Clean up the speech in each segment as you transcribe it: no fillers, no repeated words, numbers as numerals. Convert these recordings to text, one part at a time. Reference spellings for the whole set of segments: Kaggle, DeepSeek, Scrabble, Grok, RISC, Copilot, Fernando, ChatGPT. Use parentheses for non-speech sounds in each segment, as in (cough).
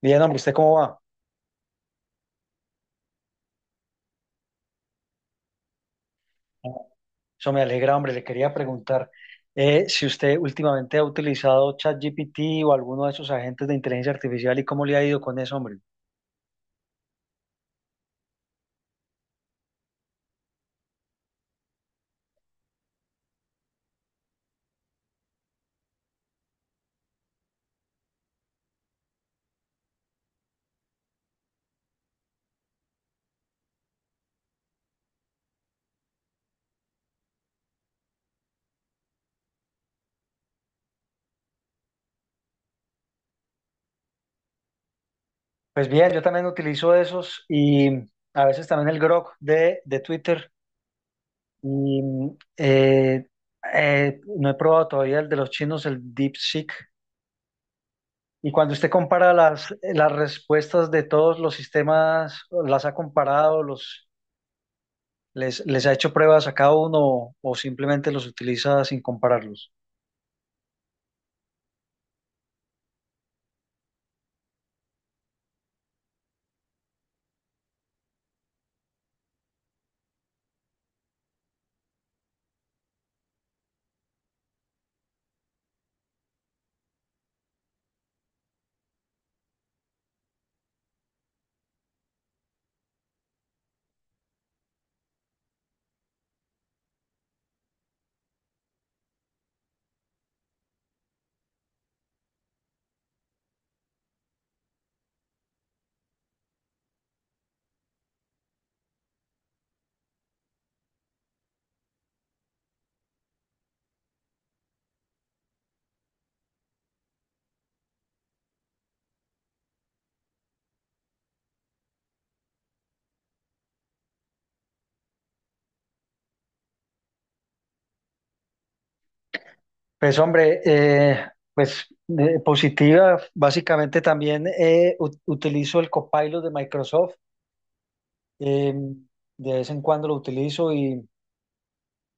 Bien, hombre, ¿usted cómo va? Eso me alegra, hombre. Le quería preguntar si usted últimamente ha utilizado ChatGPT o alguno de esos agentes de inteligencia artificial y cómo le ha ido con eso, hombre. Pues bien, yo también utilizo esos y a veces también el Grok de Twitter. Y eh, no he probado todavía el de los chinos, el DeepSeek. Y cuando usted compara las respuestas de todos los sistemas, las ha comparado, los. ¿Les, les ha hecho pruebas a cada uno o simplemente los utiliza sin compararlos? Pues hombre, pues positiva, básicamente también utilizo el Copilot de Microsoft, eh, de vez en cuando lo utilizo y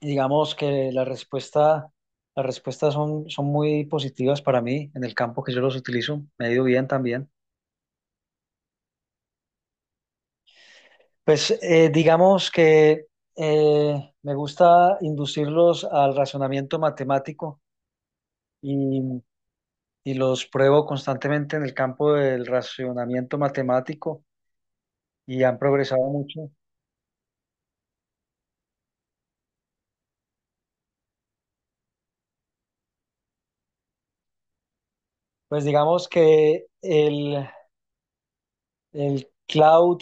digamos que la respuesta, las respuestas son, son muy positivas para mí en el campo que yo los utilizo, me ha ido bien también. Pues digamos que me gusta inducirlos al razonamiento matemático y y los pruebo constantemente en el campo del racionamiento matemático y han progresado mucho. Pues digamos que el cloud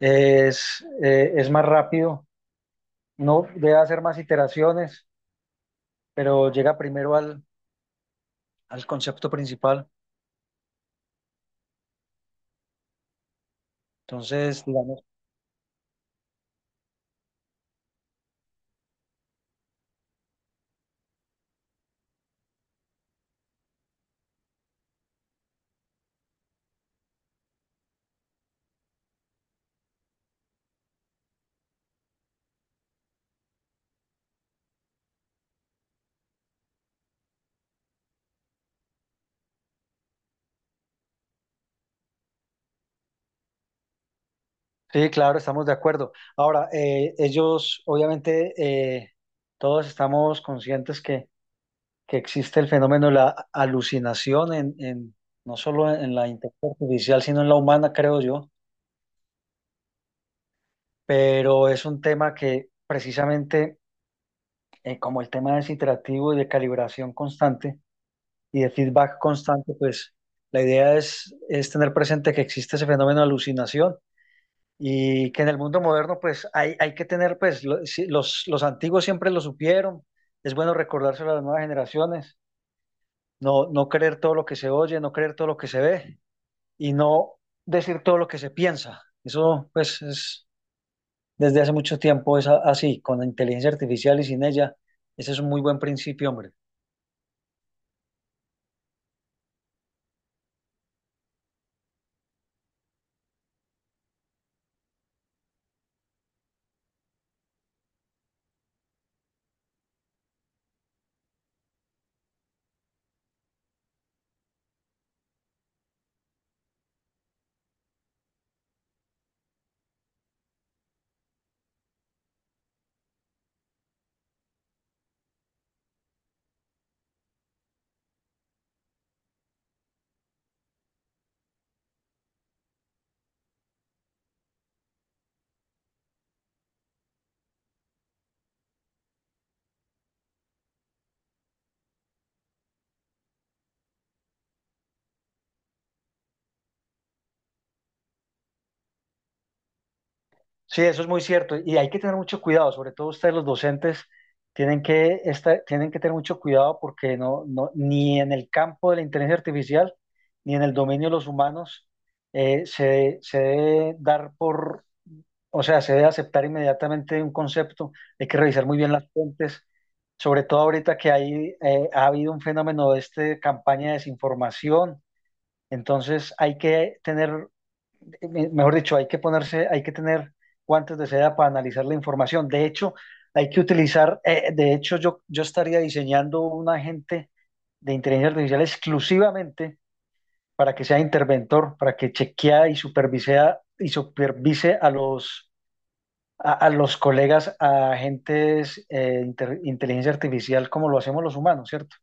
es más rápido, no debe hacer más iteraciones, pero llega primero al, al concepto principal. Entonces, digamos, sí, claro, estamos de acuerdo. Ahora, ellos, obviamente, todos estamos conscientes que existe el fenómeno de la alucinación en, no solo en la inteligencia artificial, sino en la humana, creo yo, pero es un tema que precisamente, como el tema es iterativo y de calibración constante y de feedback constante, pues la idea es tener presente que existe ese fenómeno de alucinación. Y que en el mundo moderno, pues hay que tener, pues los antiguos siempre lo supieron, es bueno recordárselo a las nuevas generaciones, no, no creer todo lo que se oye, no creer todo lo que se ve y no decir todo lo que se piensa. Eso, pues, es, desde hace mucho tiempo es así, con la inteligencia artificial y sin ella. Ese es un muy buen principio, hombre. Sí, eso es muy cierto. Y hay que tener mucho cuidado, sobre todo ustedes los docentes tienen que, tienen que tener mucho cuidado porque no, no, ni en el campo de la inteligencia artificial, ni en el dominio de los humanos, se, se debe dar por. O sea, se debe aceptar inmediatamente un concepto, hay que revisar muy bien las fuentes, sobre todo ahorita que hay, ha habido un fenómeno de este campaña de desinformación, entonces hay que tener, mejor dicho, hay que ponerse, hay que tener guantes de seda para analizar la información. De hecho, hay que utilizar, de hecho, yo estaría diseñando un agente de inteligencia artificial exclusivamente para que sea interventor, para que chequea y supervisea y supervise a los a los colegas, a agentes inteligencia artificial como lo hacemos los humanos, ¿cierto?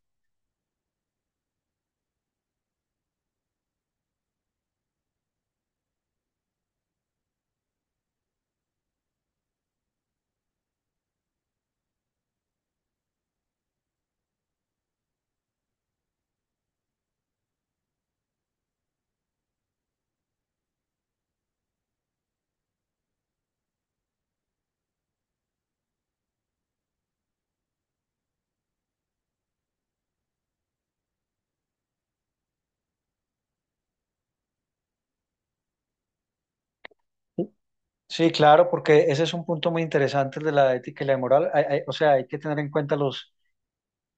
Sí, claro, porque ese es un punto muy interesante el de la ética y la moral. O sea, hay que tener en cuenta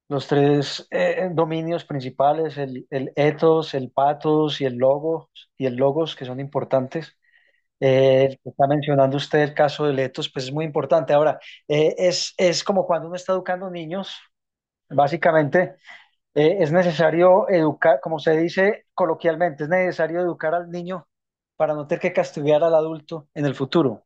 los tres dominios principales, el ethos, el pathos y el logos que son importantes. El que está mencionando usted el caso del ethos, pues es muy importante. Ahora, es como cuando uno está educando niños, básicamente. Es necesario educar, como se dice coloquialmente, es necesario educar al niño para no tener que castigar al adulto en el futuro.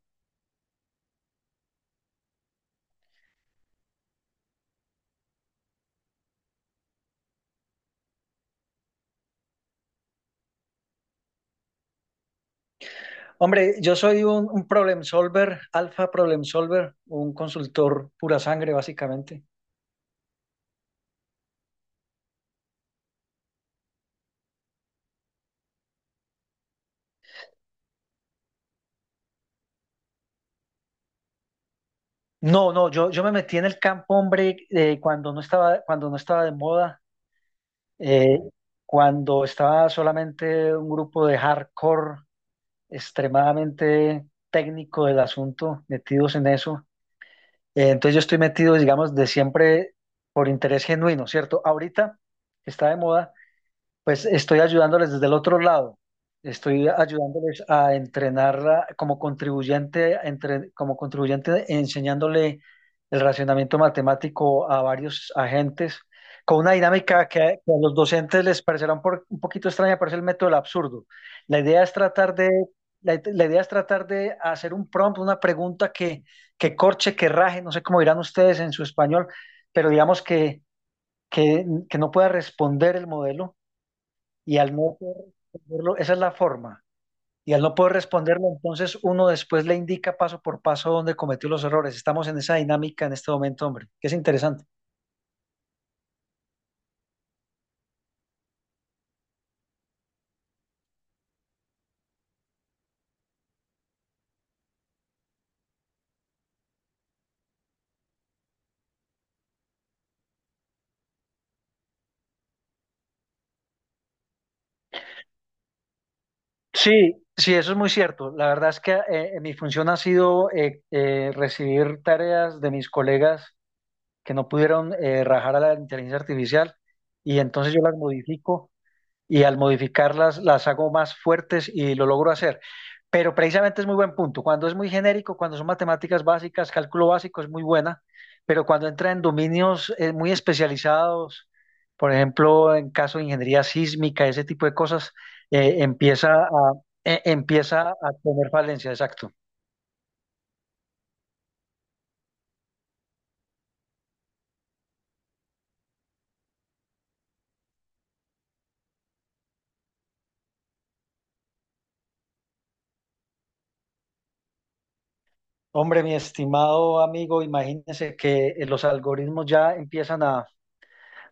Hombre, yo soy un problem solver, alfa problem solver, un consultor pura sangre, básicamente. No, no, yo me metí en el campo, hombre, cuando no estaba de moda, eh, cuando estaba solamente un grupo de hardcore extremadamente técnico del asunto, metidos en eso. Entonces yo estoy metido, digamos, de siempre por interés genuino, ¿cierto? Ahorita está de moda, pues estoy ayudándoles desde el otro lado. Estoy ayudándoles a entrenarla como contribuyente, como contribuyente enseñándole el racionamiento matemático a varios agentes con una dinámica que a los docentes les parecerá un, un poquito extraña, pero es el método del absurdo. La idea es tratar de, la idea es tratar de hacer un prompt, una pregunta que corche, que raje, no sé cómo dirán ustedes en su español, pero digamos que, que no pueda responder el modelo y al no poder responderlo, esa es la forma. Y al no poder responderlo, entonces uno después le indica paso por paso dónde cometió los errores. Estamos en esa dinámica en este momento, hombre, que es interesante. Sí, sí, eso es muy cierto. La verdad es que mi función ha sido recibir tareas de mis colegas que no pudieron rajar a la inteligencia artificial y entonces yo las modifico y al modificarlas las hago más fuertes y lo logro hacer. Pero precisamente es muy buen punto. Cuando es muy genérico, cuando son matemáticas básicas, cálculo básico es muy buena, pero cuando entra en dominios muy especializados, por ejemplo, en caso de ingeniería sísmica, ese tipo de cosas, eh, empieza a, empieza a tener falencia, exacto. Hombre, mi estimado amigo, imagínese que los algoritmos ya empiezan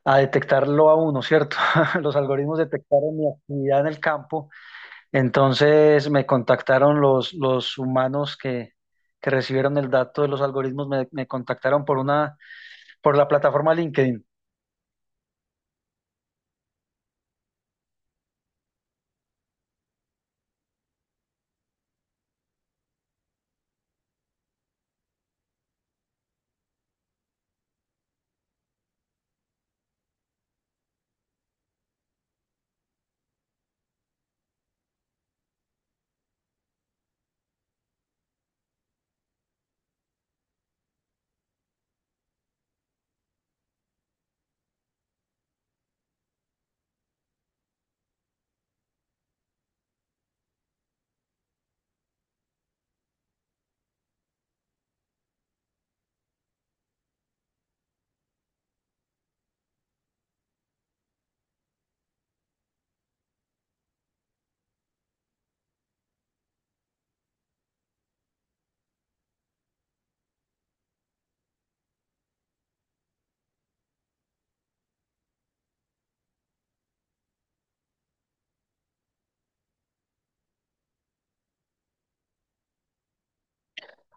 a detectarlo a uno, ¿cierto? (laughs) Los algoritmos detectaron mi actividad en el campo. Entonces me contactaron los humanos que recibieron el dato de los algoritmos, me contactaron por una, por la plataforma LinkedIn.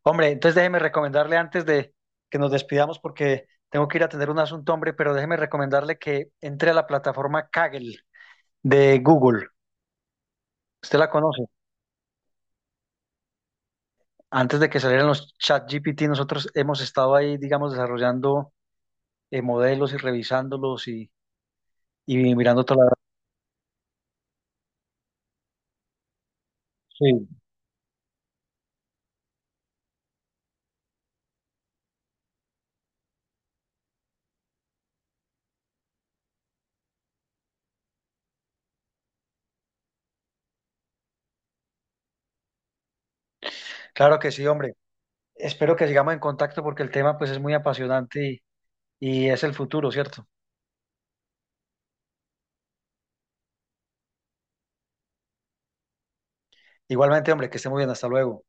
Hombre, entonces déjeme recomendarle antes de que nos despidamos porque tengo que ir a atender un asunto, hombre, pero déjeme recomendarle que entre a la plataforma Kaggle de Google. Usted la conoce. Antes de que salieran los chat GPT, nosotros hemos estado ahí, digamos, desarrollando modelos y revisándolos y mirando toda la... Sí. Claro que sí, hombre. Espero que sigamos en contacto porque el tema pues es muy apasionante y es el futuro, ¿cierto? Igualmente, hombre, que esté muy bien, hasta luego.